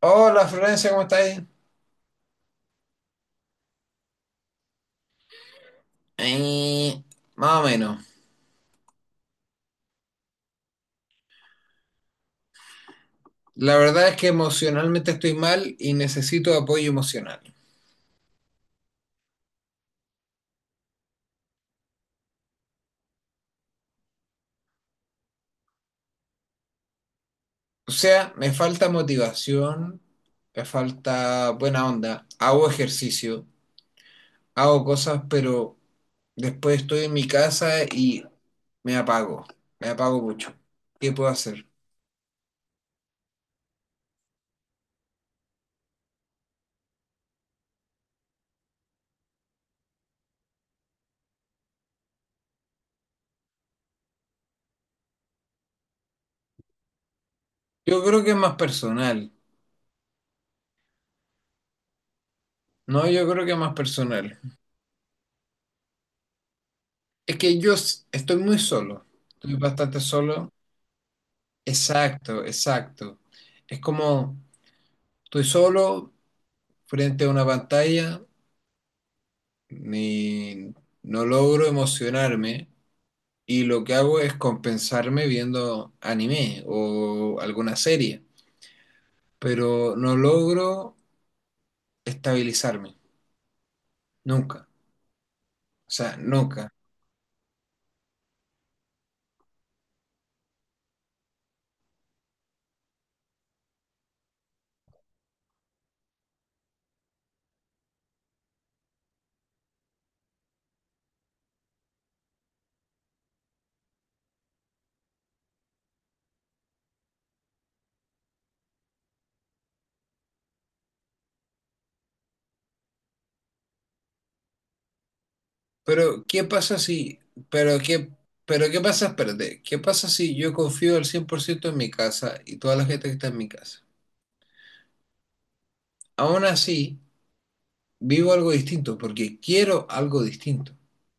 Hola, Florencia, ¿cómo estáis? Eh, Más o menos. La verdad es que emocionalmente estoy mal y necesito apoyo emocional. O sea, me falta motivación, me falta buena onda. Hago ejercicio, hago cosas, pero después estoy en mi casa y me apago. Me apago mucho. ¿Qué puedo hacer? Yo creo que es más personal. No, yo creo que es más personal. Es que estoy muy solo. Estoy bastante solo. Exacto, exacto. Es como estoy solo frente a una pantalla, ni- no logro emocionarme y lo que hago es compensarme viendo anime o alguna serie, pero no logro estabilizarme, nunca, o sea, nunca. Pero ¿qué pasa si, pero qué, ¿Pero qué pasa, espérate, qué pasa si yo confío al 100% en mi casa y toda la gente que está en mi casa? Aún así vivo algo distinto porque quiero algo distinto.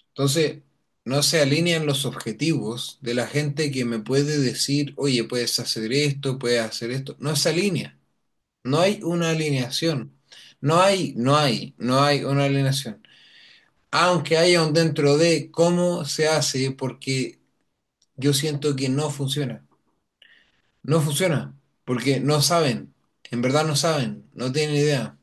Entonces, no se alinean los objetivos de la gente que me puede decir, oye, puedes hacer esto, puedes hacer esto. No se alinea. No hay una alineación. No hay una alineación. Aunque haya un dentro de cómo se hace, porque yo siento que no funciona. No funciona, porque no saben. En verdad no saben, no tienen idea.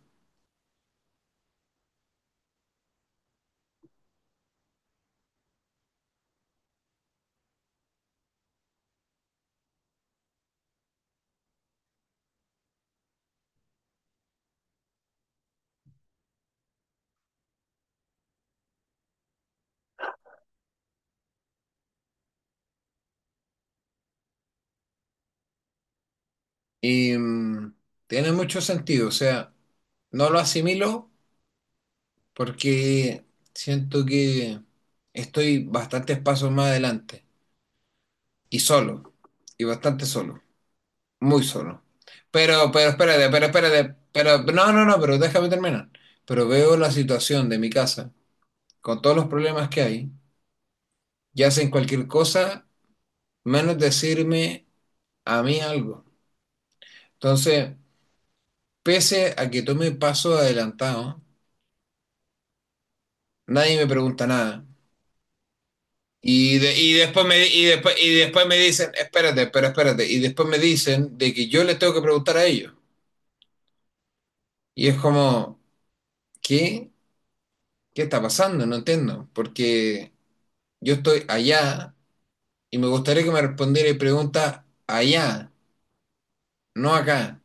Y tiene mucho sentido. O sea, no lo asimilo porque siento que estoy bastantes pasos más adelante y solo, y bastante solo, muy solo. Pero espérate, pero espérate, pero no, no, no, pero déjame terminar. Pero veo la situación de mi casa con todos los problemas que hay y hacen cualquier cosa menos decirme a mí algo. Entonces, pese a que tome pasos adelantados, nadie me pregunta nada. Y después me dicen, espérate, pero espérate. Y después me dicen de que yo les tengo que preguntar a ellos. Y es como, ¿qué? ¿Qué está pasando? No entiendo. Porque yo estoy allá y me gustaría que me respondiera preguntas allá, no acá.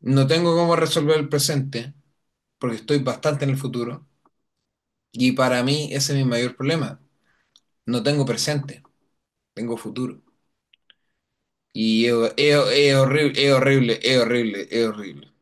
No tengo cómo resolver el presente porque estoy bastante en el futuro. Y para mí ese es mi mayor problema. No tengo presente, tengo futuro. Y es horrible, es horrible, es horrible, es horrible.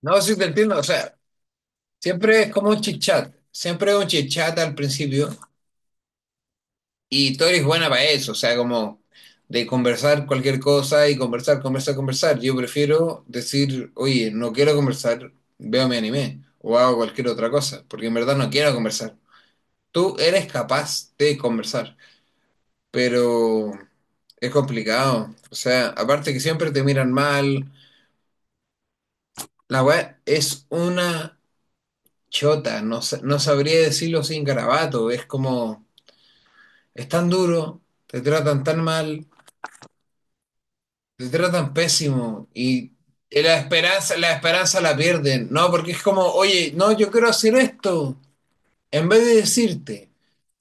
No, sí te entiendo, o sea. Siempre es como un chit-chat, siempre es un chit-chat al principio y tú eres buena para eso, o sea, como de conversar cualquier cosa y conversar, conversar, conversar. Yo prefiero decir, oye, no quiero conversar, veo mi anime o hago cualquier otra cosa, porque en verdad no quiero conversar. Tú eres capaz de conversar, pero es complicado. O sea, aparte que siempre te miran mal, la web es una chota, no, no sabría decirlo sin garabato, es como... Es tan duro, te tratan tan mal, te tratan pésimo y la esperanza, la esperanza la pierden, ¿no? Porque es como, oye, no, yo quiero hacer esto. En vez de decirte,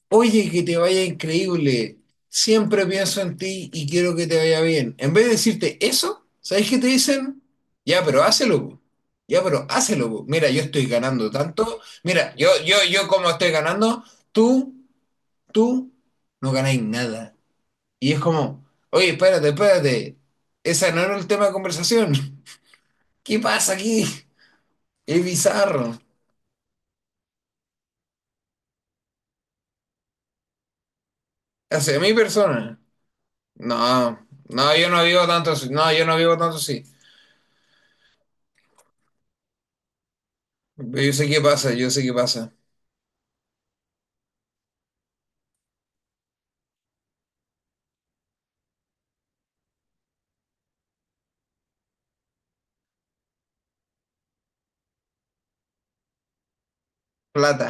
oye, que te vaya increíble, siempre pienso en ti y quiero que te vaya bien. En vez de decirte eso, ¿sabes qué te dicen? Ya, pero hácelo, po. Ya, pero hácelo, po. Mira, yo estoy ganando tanto. Mira, yo como estoy ganando, tú, tú no ganáis nada. Y es como, oye, espérate, espérate, ese no era el tema de conversación. ¿Qué pasa aquí? Es bizarro. Hacia mi persona. No, no, yo no vivo tanto así. No, yo no vivo tanto así. Pero yo sé qué pasa, yo sé qué pasa. Plata,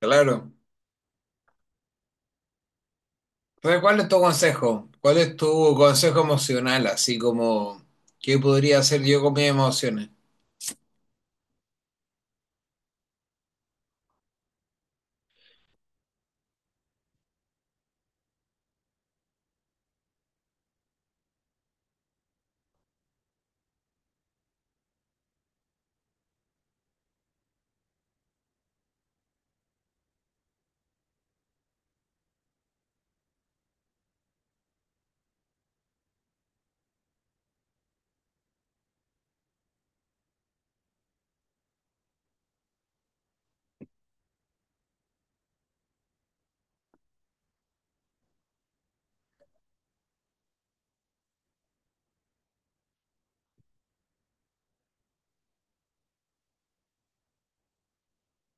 claro. Entonces, ¿cuál es tu consejo? ¿Cuál es tu consejo emocional? Así como, ¿qué podría hacer yo con mis emociones?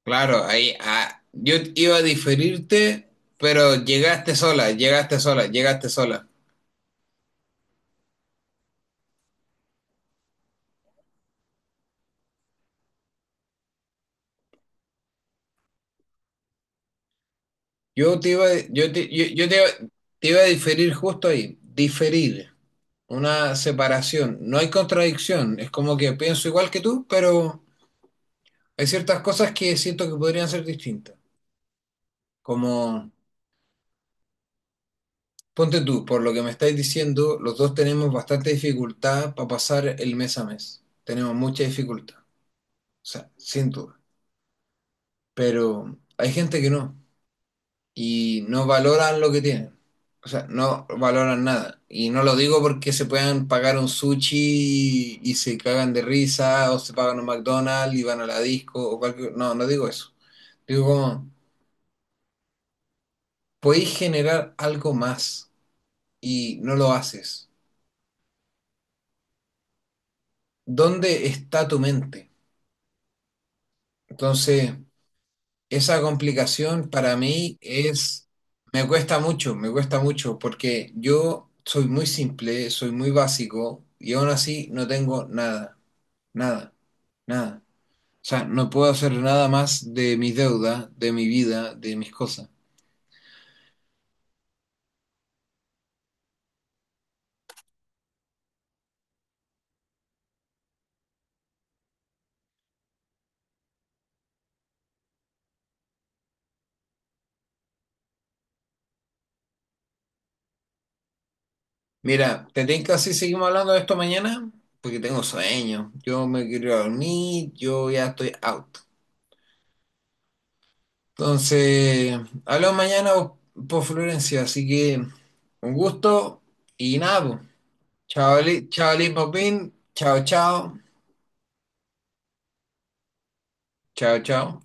Claro, yo iba a diferirte, pero llegaste sola, llegaste sola, llegaste sola. Yo te iba, yo te, yo te, iba- Te iba a diferir justo ahí, diferir, una separación. No hay contradicción, es como que pienso igual que tú, pero hay ciertas cosas que siento que podrían ser distintas. Como, ponte tú, por lo que me estáis diciendo, los dos tenemos bastante dificultad para pasar el mes a mes. Tenemos mucha dificultad, o sea, sin duda. Pero hay gente que no y no valoran lo que tienen. O sea, no valoran nada. Y no lo digo porque se puedan pagar un sushi y se cagan de risa, o se pagan un McDonald's y van a la disco, o cualquier... No, no digo eso. Digo como, podéis generar algo más y no lo haces. ¿Dónde está tu mente? Entonces, esa complicación para mí es, me cuesta mucho, porque yo soy muy simple, soy muy básico y aún así no tengo nada, nada, nada. O sea, no puedo hacer nada más de mis deudas, de mi vida, de mis cosas. Mira, ¿te tinca si seguimos hablando de esto mañana? Porque tengo sueño, yo me quiero ir a dormir, yo ya estoy out. Entonces, hablamos mañana por Florencia, así que un gusto y nada, po. Chao, chao, chao. Chao, chao.